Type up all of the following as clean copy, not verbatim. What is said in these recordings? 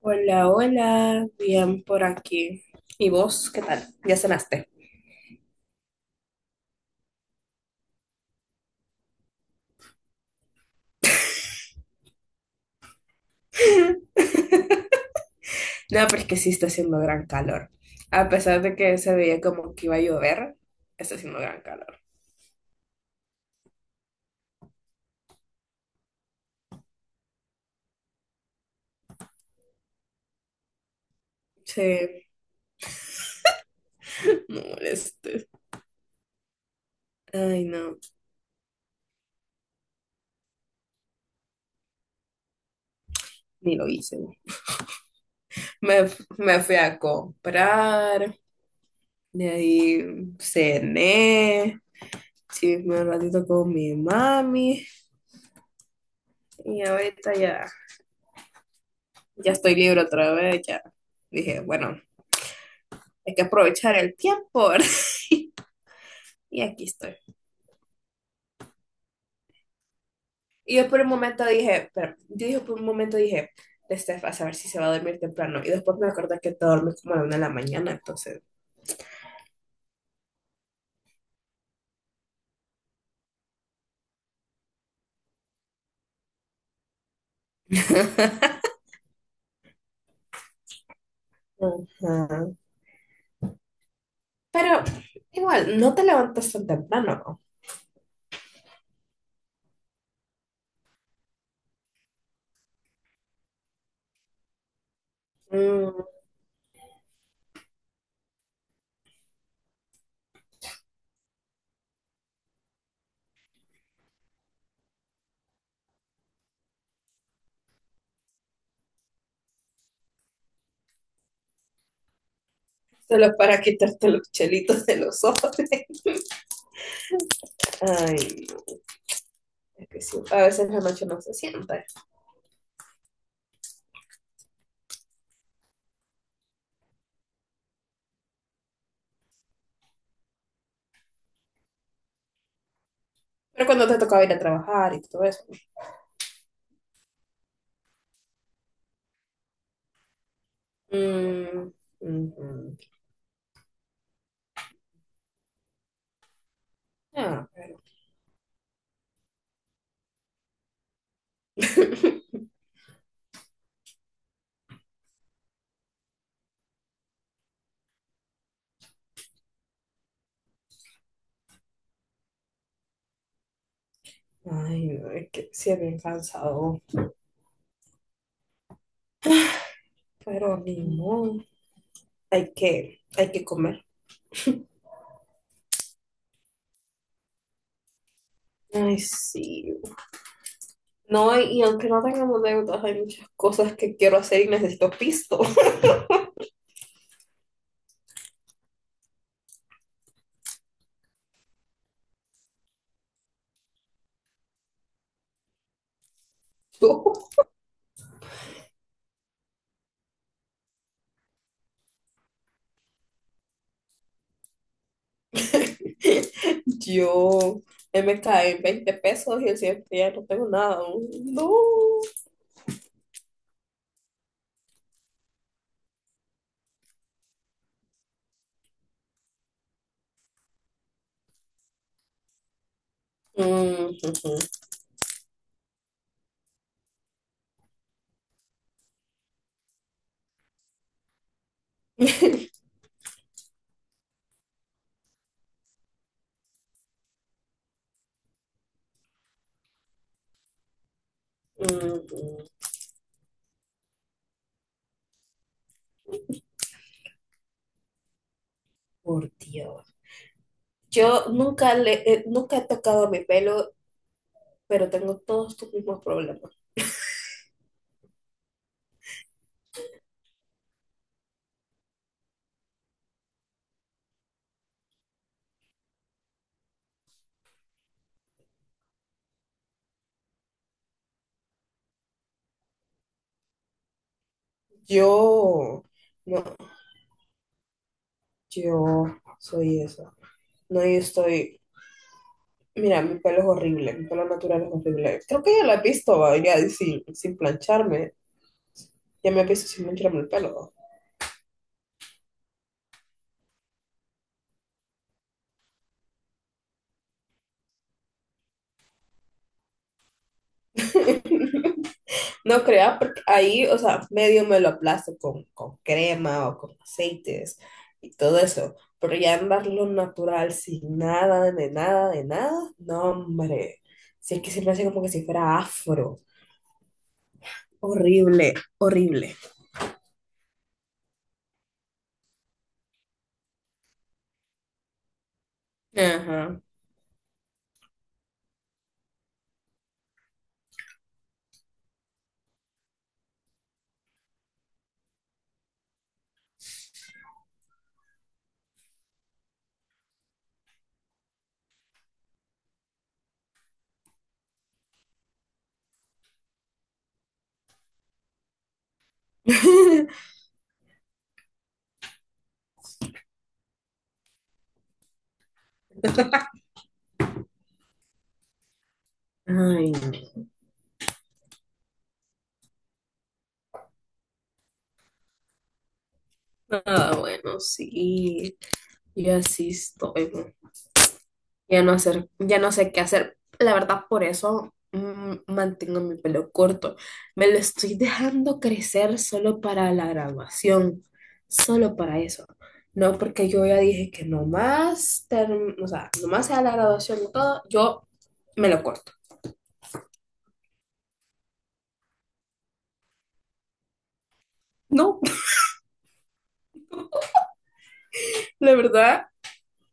Hola, hola, bien por aquí. ¿Y vos qué tal? ¿Ya cenaste? No, pero es que sí está haciendo gran calor. A pesar de que se veía como que iba a llover, está haciendo gran calor. Sí, no molestes. Ay, no, ni lo hice. Me, me fui a comprar, de ahí cené, chisme un ratito con mi mami y ahorita ya estoy libre otra vez, ya. Dije, bueno, hay que aprovechar el tiempo, ¿verdad? Y aquí estoy. Y yo por un momento dije, de Steph, a saber si se va a dormir temprano. Y después me acordé que te duermes como a la 1 de la mañana, entonces. Ajá. Pero igual, no te levantas tan temprano. ¿No? Mm, solo para quitarte los chelitos de los ojos. Ay, no, es que sí, a veces la noche no se siente. Pero cuando te tocaba ir a trabajar y todo eso. Mm, mhm. Ah, pero. Ay, no, es que sí es bien cansado. Pero ni modo. Hay que comer. Ay, sí. No, y aunque no tengamos deudas, hay muchas cosas que quiero hacer y necesito pisto. Yo yo me caí 20 pesos y el siguiente día no tengo nada. No. Mm, ujú. Mm, por Dios. Yo nunca le, nunca he tocado mi pelo, pero tengo todos tus mismos problemas. Yo, no, yo soy eso. No, mira, mi pelo es horrible, mi pelo natural es horrible. Creo que ya lo has visto, va, ya sin, plancharme. Ya me he visto sin plancharme el pelo. No creas, porque ahí, o sea, medio me lo aplasto con crema o con aceites y todo eso. Pero ya andarlo natural sin nada, de nada, de nada, no, hombre. Si es que se me hace como que si fuera afro. Horrible, horrible. Ajá. Ay, no. Ah, bueno, sí. Yo así estoy. ¿No? Ya no hacer, ya no sé qué hacer. La verdad, por eso mantengo mi pelo corto. Me lo estoy dejando crecer solo para la graduación. Solo para eso. No porque yo ya dije que o sea, nomás sea la graduación y todo, yo me lo corto. No, la verdad,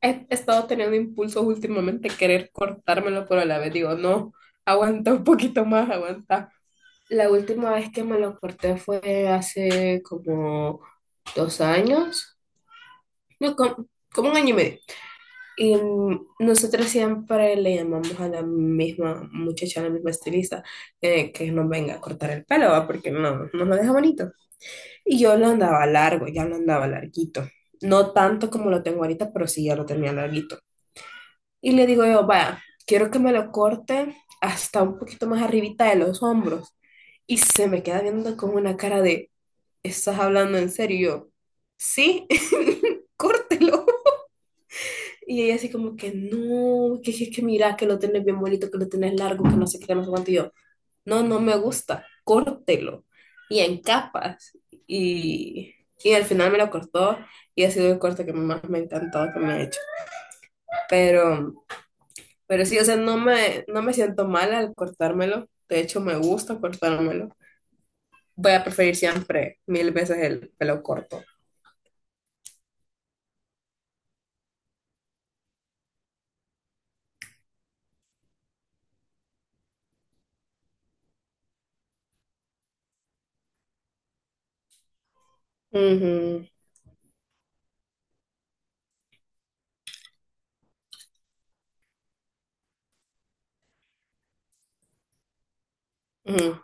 he estado teniendo impulsos últimamente de querer cortármelo, pero a la vez digo, no, aguanta un poquito más, aguanta. La última vez que me lo corté fue hace como 2 años, no, como, como 1 año y medio. Y nosotros siempre le llamamos a la misma muchacha, a la misma estilista, que nos venga a cortar el pelo, ¿va? Porque no, no lo deja bonito. Y yo lo andaba largo, ya lo andaba larguito. No tanto como lo tengo ahorita, pero sí ya lo tenía larguito. Y le digo yo, vaya, quiero que me lo corte hasta un poquito más arribita de los hombros. Y se me queda viendo con una cara de, ¿estás hablando en serio? Y yo, sí, córtelo. Y ella así como que, no, que, mira, que lo tenés bien bonito, que lo tenés largo, que no sé qué, que no sé cuánto. Y yo, no, no me gusta, córtelo. Y en capas. Y, y al final me lo cortó y ha sido el corte que más me ha encantado que me ha hecho. Pero. Pero sí, o sea, no me siento mal al cortármelo. De hecho, me gusta cortármelo. Voy a preferir siempre mil veces el pelo corto. Ujú, ujú.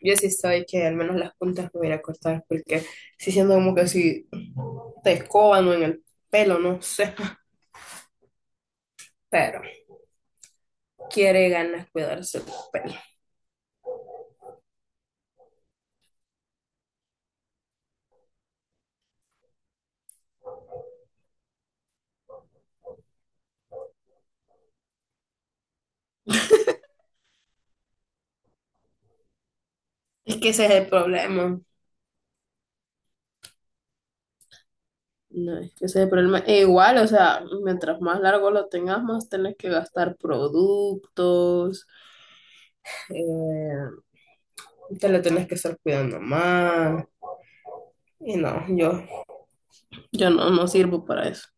Yo sí soy que al menos las puntas me voy a ir a cortar porque sí siento como que si te escoban o en el pelo, no sé. Pero quiere ganas cuidarse el pelo. Es que ese es el problema. No, es que ese es el problema. E igual, o sea, mientras más largo lo tengas, más tenés que gastar productos. eh, Te la tenés que estar cuidando más. Y no, yo. Yo no, no sirvo para eso.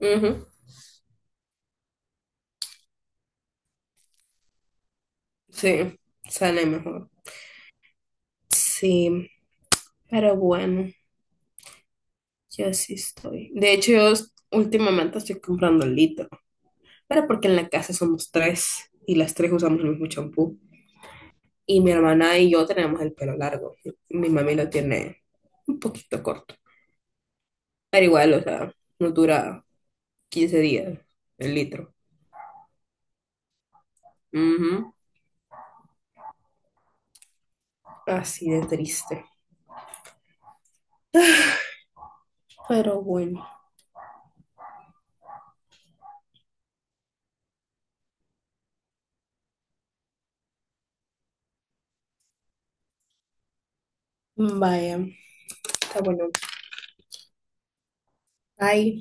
Ujú, sí, sale mejor. Sí, pero bueno, yo sí estoy. De hecho, últimamente estoy comprando litro, pero porque en la casa somos tres y las tres usamos el mismo champú. Y mi hermana y yo tenemos el pelo largo. Mi mami lo tiene un poquito corto, pero igual, o sea, no dura 15 días el litro. Ujú, así de triste. Pero bueno. Vaya, está bueno. Bye.